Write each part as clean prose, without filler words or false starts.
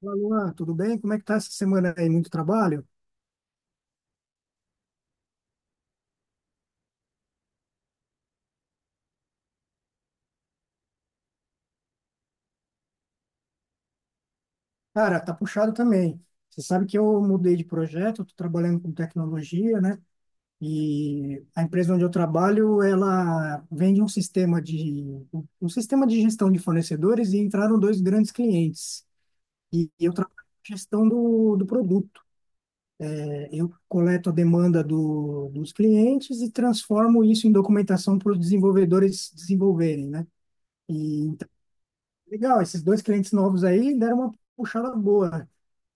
Olá, Luan, tudo bem? Como é que tá essa semana aí? Muito trabalho? Cara, tá puxado também. Você sabe que eu mudei de projeto, estou trabalhando com tecnologia, né? E a empresa onde eu trabalho, ela vende um sistema de gestão de fornecedores e entraram dois grandes clientes. E eu trabalho com gestão do produto. Eu coleto a demanda dos clientes e transformo isso em documentação para os desenvolvedores desenvolverem, né? E Legal, esses dois clientes novos aí deram uma puxada boa, né?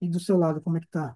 E do seu lado, como é que tá?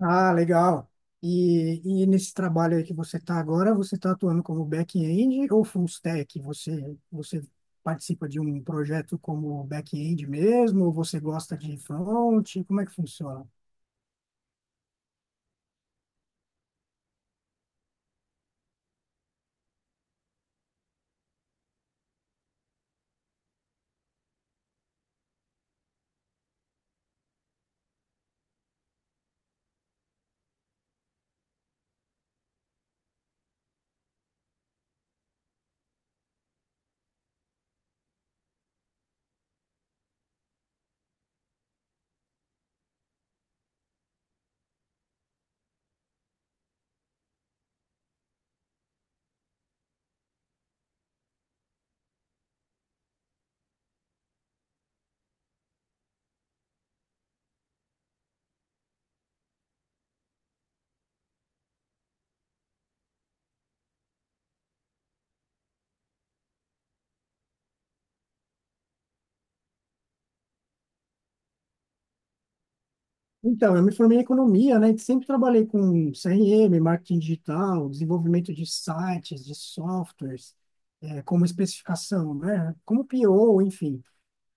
Ah, legal. E nesse trabalho aí que você está agora, você está atuando como back-end ou full stack? Você participa de um projeto como back-end mesmo? Ou você gosta de front? Como é que funciona? Então, eu me formei em economia, né? E sempre trabalhei com CRM, marketing digital, desenvolvimento de sites, de softwares, como especificação, né? Como PO, enfim.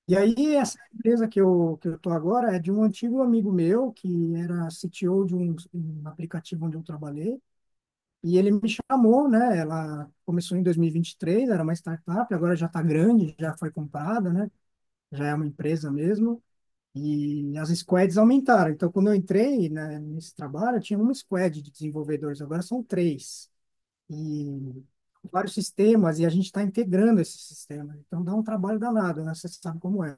E aí, essa empresa que eu tô agora é de um antigo amigo meu, que era CTO de um aplicativo onde eu trabalhei, e ele me chamou, né? Ela começou em dois mil e vinte e três. Era uma startup, agora já está grande, já foi comprada, né? Já é uma empresa mesmo, e as squads aumentaram. Então, quando eu entrei, né, nesse trabalho, tinha uma squad de desenvolvedores, agora são três. E vários sistemas, e a gente está integrando esse sistema. Então, dá um trabalho danado, né? Você sabe como é.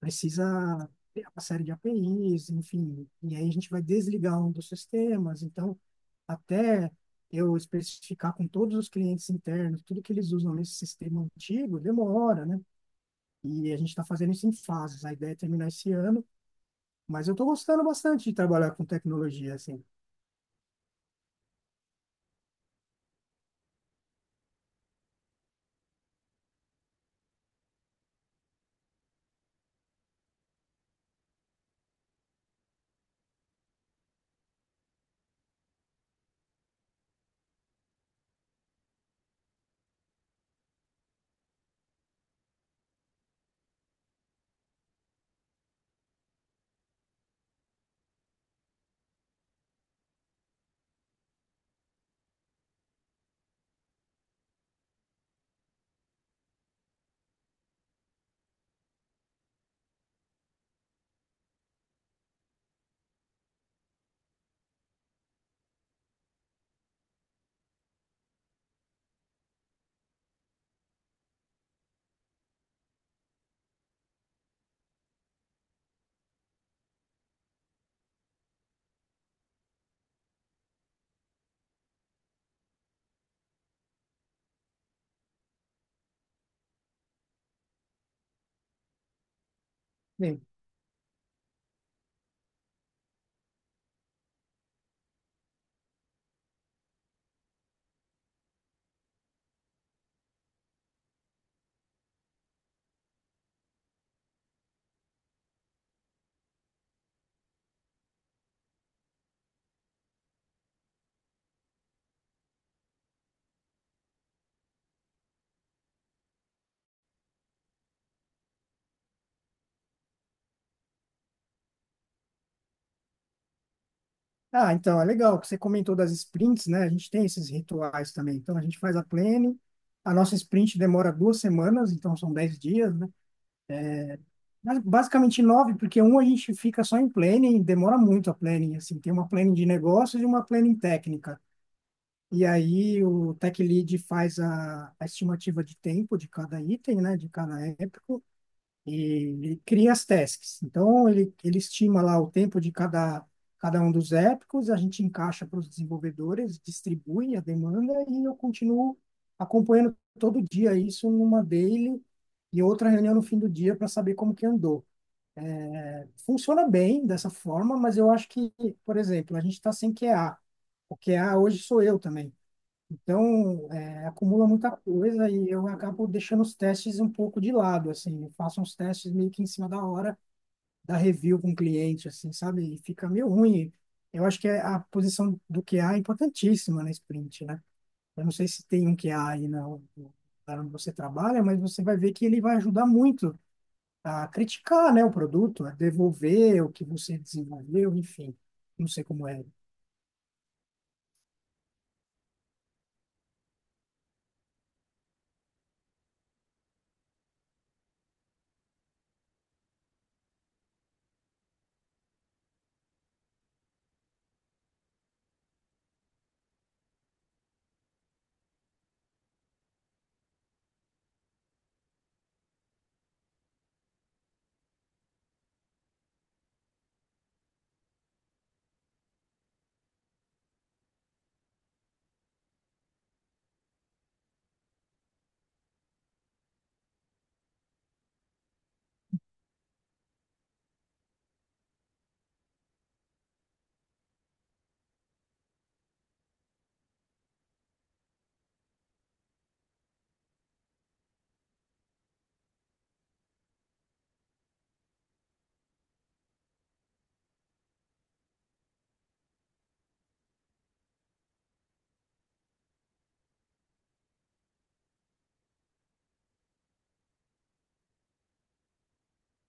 Precisa ter uma série de APIs, enfim, e aí a gente vai desligar um dos sistemas. Então, até eu especificar com todos os clientes internos tudo que eles usam nesse sistema antigo, demora, né? E a gente está fazendo isso em fases. A ideia é terminar esse ano, mas eu estou gostando bastante de trabalhar com tecnologia, assim. Bem, então, é legal que você comentou das sprints, né? A gente tem esses rituais também. Então, a gente faz a planning, a nossa sprint demora 2 semanas, então são 10 dias, né? Mas basicamente nove, porque um a gente fica só em planning, e demora muito a planning, assim, tem uma planning de negócios e uma planning técnica. E aí o tech lead faz a estimativa de tempo de cada item, né, de cada épico, e ele cria as tasks. Então ele estima lá o tempo de cada um dos épicos, a gente encaixa para os desenvolvedores, distribui a demanda e eu continuo acompanhando todo dia isso numa daily e outra reunião no fim do dia para saber como que andou. Funciona bem dessa forma, mas eu acho que, por exemplo, a gente está sem QA. O QA hoje sou eu também. Então, acumula muita coisa e eu acabo deixando os testes um pouco de lado, assim. Eu faço uns testes meio que em cima da hora da review com o cliente, assim, sabe? E fica meio ruim. Eu acho que a posição do QA é importantíssima na sprint, né? Eu não sei se tem um QA aí na, na onde você trabalha, mas você vai ver que ele vai ajudar muito a criticar, né, o produto, a devolver o que você desenvolveu, enfim, não sei como é.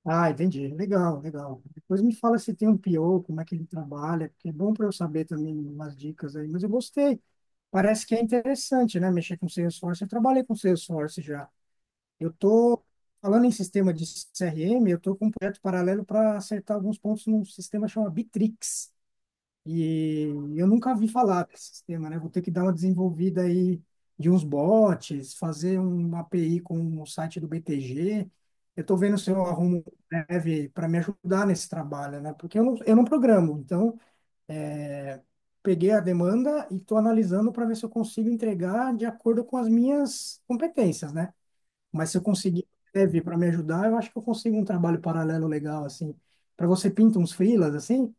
Ah, entendi. Legal, legal. Depois me fala se tem um PO, como é que ele trabalha, porque é bom para eu saber também umas dicas aí. Mas eu gostei. Parece que é interessante, né, mexer com Salesforce. Eu trabalhei com Salesforce já. Eu tô falando em sistema de CRM, eu tô com um projeto paralelo para acertar alguns pontos num sistema chamado Bitrix. E eu nunca vi falar desse sistema, né? Vou ter que dar uma desenvolvida aí de uns bots, fazer uma API com o site do BTG. Eu estou vendo se eu arrumo um dev para me ajudar nesse trabalho, né? Porque eu não programo, então é, peguei a demanda e estou analisando para ver se eu consigo entregar de acordo com as minhas competências, né? Mas se eu conseguir um dev para me ajudar, eu acho que eu consigo um trabalho paralelo legal, assim. Para você pinta uns freelas, assim?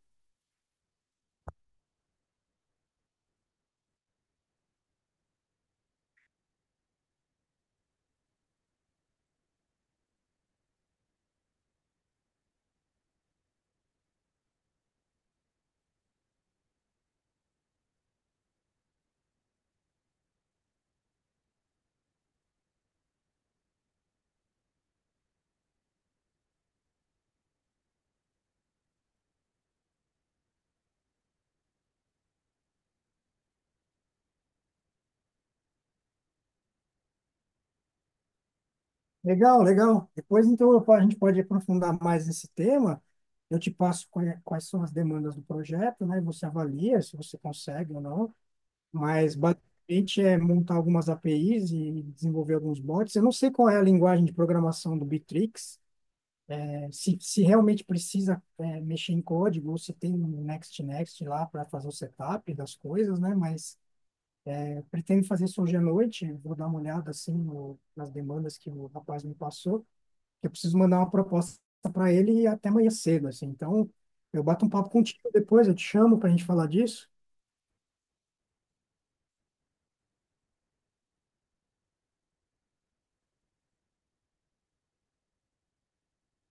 Legal, legal. Depois, então, a gente pode aprofundar mais esse tema. Eu te passo quais são as demandas do projeto, né? E você avalia se você consegue ou não. Mas, basicamente, é montar algumas APIs e desenvolver alguns bots. Eu não sei qual é a linguagem de programação do Bitrix, se realmente precisa, mexer em código ou se tem um Next lá para fazer o setup das coisas, né? Mas pretendo fazer isso hoje à noite. Vou dar uma olhada, assim, nas demandas que o rapaz me passou, que eu preciso mandar uma proposta para ele até amanhã cedo, assim. Então, eu bato um papo contigo depois, eu te chamo para a gente falar disso.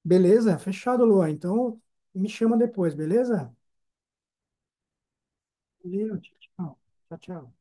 Beleza? Fechado, Luan. Então, me chama depois, beleza? Valeu, tchau, tchau. Tchau, tchau.